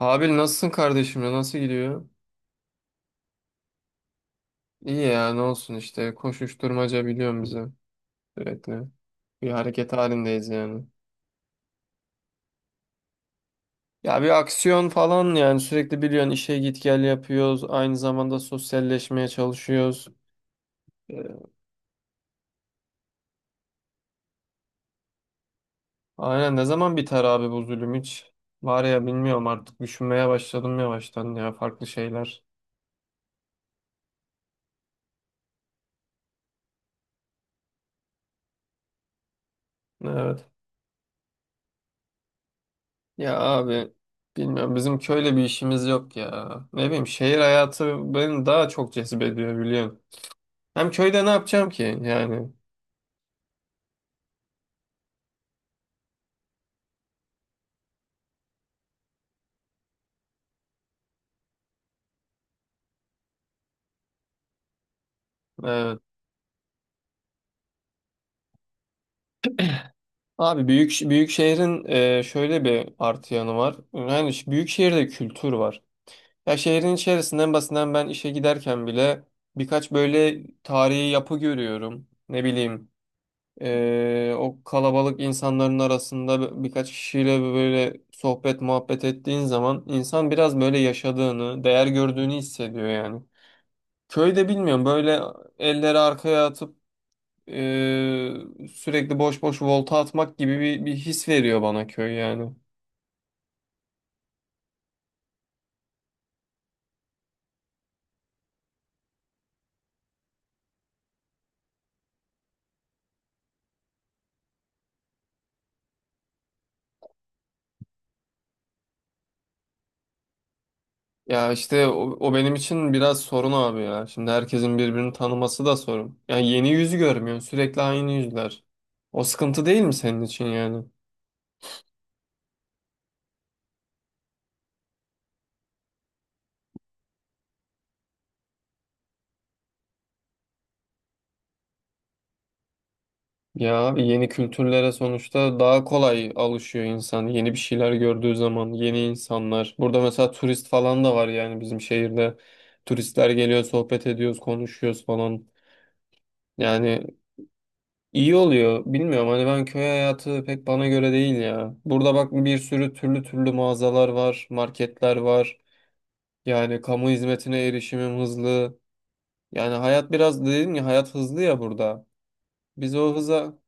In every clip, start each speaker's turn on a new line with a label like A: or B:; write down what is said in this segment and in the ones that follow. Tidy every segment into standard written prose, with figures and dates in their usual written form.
A: Abi nasılsın kardeşim ya? Nasıl gidiyor? İyi ya ne olsun işte koşuşturmaca biliyorum bizi sürekli. Bir hareket halindeyiz yani. Ya bir aksiyon falan yani sürekli biliyorsun işe git gel yapıyoruz. Aynı zamanda sosyalleşmeye çalışıyoruz. Ee, Aynen ne zaman biter abi bu zulüm hiç? Var ya bilmiyorum artık düşünmeye başladım yavaştan ya farklı şeyler. Evet. Ya abi bilmiyorum bizim köyle bir işimiz yok ya. Ne bileyim şehir hayatı beni daha çok cezbediyor biliyorsun. Hem köyde ne yapacağım ki yani? Evet. Abi büyük büyük şehrin şöyle bir artı yanı var. Yani büyük şehirde kültür var. Ya şehrin içerisinden basından ben işe giderken bile birkaç böyle tarihi yapı görüyorum. Ne bileyim o kalabalık insanların arasında birkaç kişiyle böyle sohbet muhabbet ettiğin zaman insan biraz böyle yaşadığını, değer gördüğünü hissediyor yani. Köyde bilmiyorum böyle elleri arkaya atıp Ee, sürekli boş boş volta atmak gibi bir his veriyor bana köy yani. Ya işte o benim için biraz sorun abi ya. Şimdi herkesin birbirini tanıması da sorun. Yani yeni yüzü görmüyorsun. Sürekli aynı yüzler. O sıkıntı değil mi senin için yani? Ya abi yeni kültürlere sonuçta daha kolay alışıyor insan. Yeni bir şeyler gördüğü zaman yeni insanlar. Burada mesela turist falan da var yani bizim şehirde. Turistler geliyor, sohbet ediyoruz, konuşuyoruz falan. Yani İyi oluyor. Bilmiyorum hani ben köy hayatı pek bana göre değil ya. Burada bak bir sürü türlü türlü mağazalar var, marketler var. Yani kamu hizmetine erişimim hızlı. Yani hayat biraz dedim ya hayat hızlı ya burada. Biz o hıza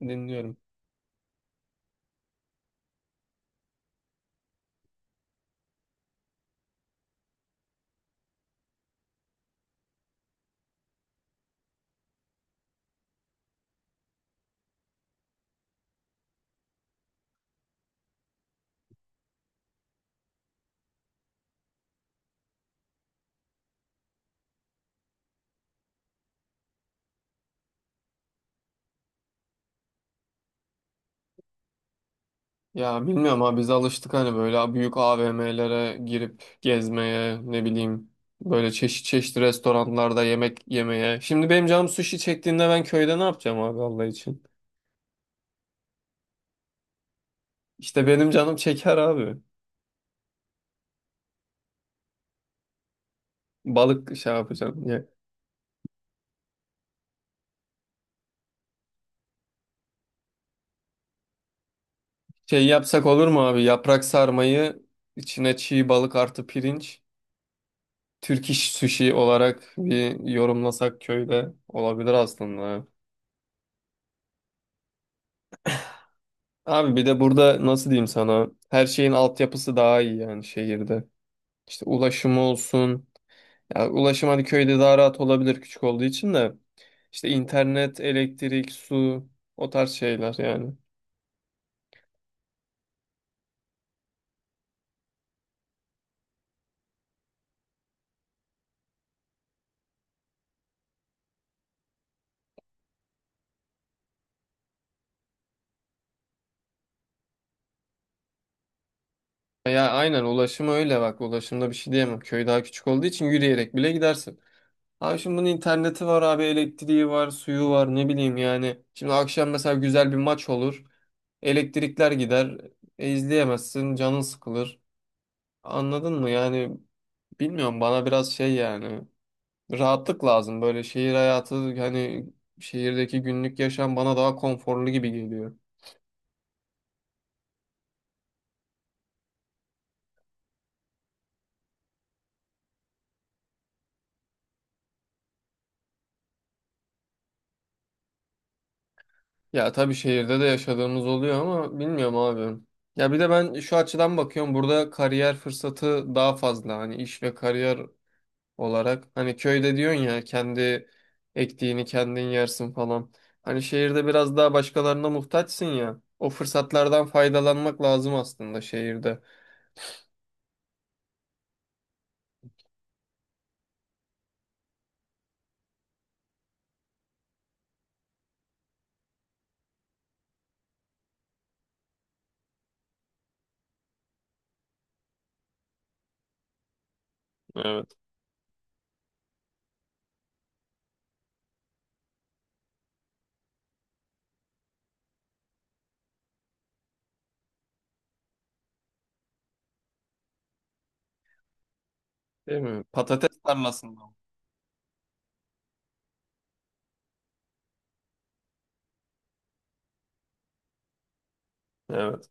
A: dinliyorum. Ya bilmiyorum abi biz alıştık hani böyle büyük AVM'lere girip gezmeye ne bileyim böyle çeşit çeşit restoranlarda yemek yemeye. Şimdi benim canım sushi çektiğinde ben köyde ne yapacağım abi Allah için? İşte benim canım çeker abi. Balık şey yapacağım. Ya- Şey yapsak olur mu abi? Yaprak sarmayı içine çiğ balık artı pirinç. Türk iş sushi olarak bir yorumlasak köyde olabilir aslında. Abi bir de burada nasıl diyeyim sana? Her şeyin altyapısı daha iyi yani şehirde. İşte ulaşımı olsun. Ya ulaşım hadi köyde daha rahat olabilir küçük olduğu için de. İşte internet, elektrik, su o tarz şeyler yani. Ya aynen ulaşım öyle bak ulaşımda bir şey diyemem. Köy daha küçük olduğu için yürüyerek bile gidersin. Abi şimdi bunun interneti var abi elektriği var suyu var ne bileyim yani. Şimdi akşam mesela güzel bir maç olur. Elektrikler gider. İzleyemezsin canın sıkılır. Anladın mı yani bilmiyorum bana biraz şey yani. Rahatlık lazım böyle şehir hayatı hani şehirdeki günlük yaşam bana daha konforlu gibi geliyor. Ya tabii şehirde de yaşadığımız oluyor ama bilmiyorum abi. Ya bir de ben şu açıdan bakıyorum burada kariyer fırsatı daha fazla hani iş ve kariyer olarak. Hani köyde diyorsun ya kendi ektiğini kendin yersin falan. Hani şehirde biraz daha başkalarına muhtaçsın ya. O fırsatlardan faydalanmak lazım aslında şehirde. Evet. Değil mi? Patates tarlasında. Evet.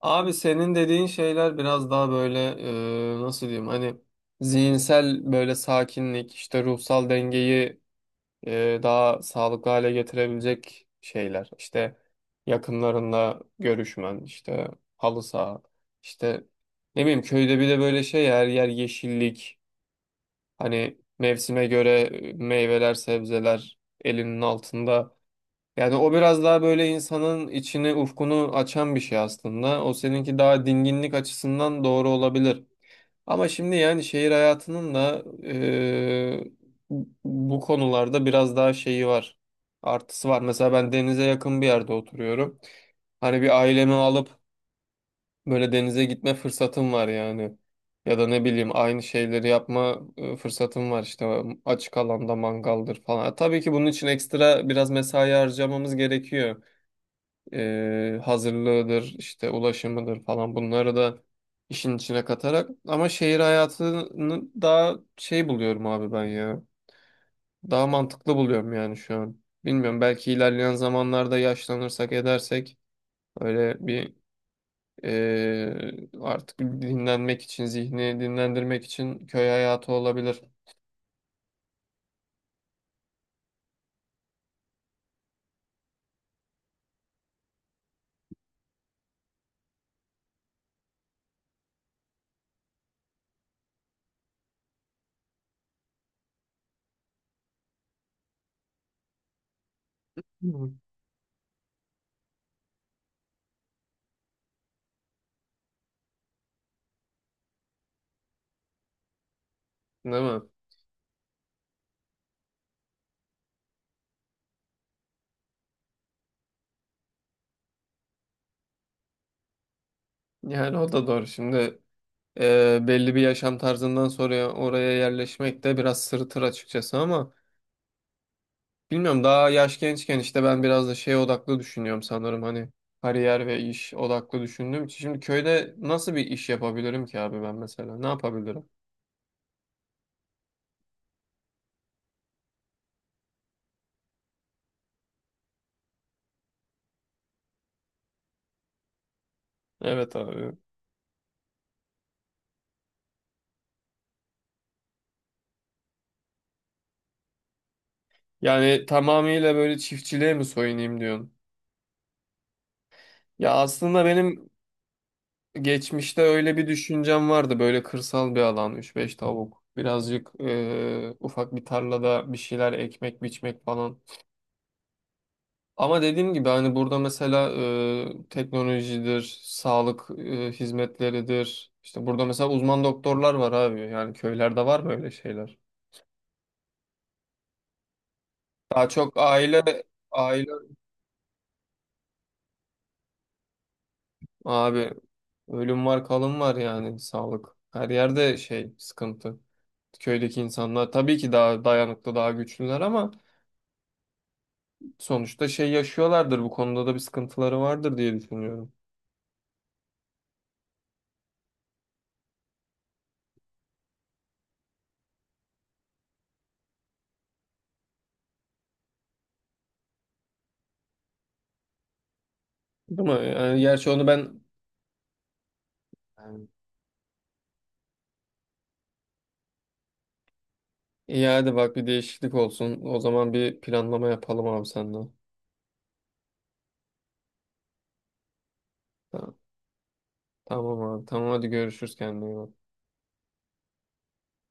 A: Abi senin dediğin şeyler biraz daha böyle nasıl diyeyim hani zihinsel böyle sakinlik işte ruhsal dengeyi daha sağlıklı hale getirebilecek şeyler. İşte yakınlarınla görüşmen, işte halı saha, işte ne bileyim köyde bir de böyle şey ya, her yer yeşillik. Hani mevsime göre meyveler, sebzeler elinin altında. Yani o biraz daha böyle insanın içini, ufkunu açan bir şey aslında. O seninki daha dinginlik açısından doğru olabilir. Ama şimdi yani şehir hayatının da bu konularda biraz daha şeyi var. Artısı var. Mesela ben denize yakın bir yerde oturuyorum. Hani bir ailemi alıp böyle denize gitme fırsatım var yani. Ya da ne bileyim aynı şeyleri yapma fırsatım var işte açık alanda mangaldır falan. Tabii ki bunun için ekstra biraz mesai harcamamız gerekiyor hazırlığıdır, işte ulaşımıdır falan bunları da işin içine katarak. Ama şehir hayatını daha şey buluyorum abi ben ya. Daha mantıklı buluyorum yani şu an. Bilmiyorum belki ilerleyen zamanlarda yaşlanırsak edersek öyle bir artık dinlenmek için, zihni dinlendirmek için köy hayatı olabilir. Hı hı. Değil mi? Yani o da doğru. Şimdi belli bir yaşam tarzından sonra oraya yerleşmek de biraz sırıtır açıkçası ama bilmiyorum daha yaş gençken işte ben biraz da şey odaklı düşünüyorum sanırım hani kariyer ve iş odaklı düşündüğüm için. Şimdi köyde nasıl bir iş yapabilirim ki abi ben mesela ne yapabilirim? Evet abi. Yani tamamıyla böyle çiftçiliğe mi soyunayım diyorsun? Ya aslında benim geçmişte öyle bir düşüncem vardı böyle kırsal bir alan üç beş tavuk birazcık ufak bir tarlada bir şeyler ekmek biçmek falan. Ama dediğim gibi hani burada mesela teknolojidir, sağlık hizmetleridir. İşte burada mesela uzman doktorlar var abi. Yani köylerde var böyle şeyler. Daha çok aile abi ölüm var, kalım var yani sağlık. Her yerde şey sıkıntı. Köydeki insanlar tabii ki daha dayanıklı, daha güçlüler ama sonuçta şey yaşıyorlardır. Bu konuda da bir sıkıntıları vardır diye düşünüyorum. Değil mi? Yani gerçi onu ben İyi hadi bak bir değişiklik olsun. O zaman bir planlama yapalım abi senden. Tamam, tamam abi. Tamam hadi görüşürüz kendine iyi bak.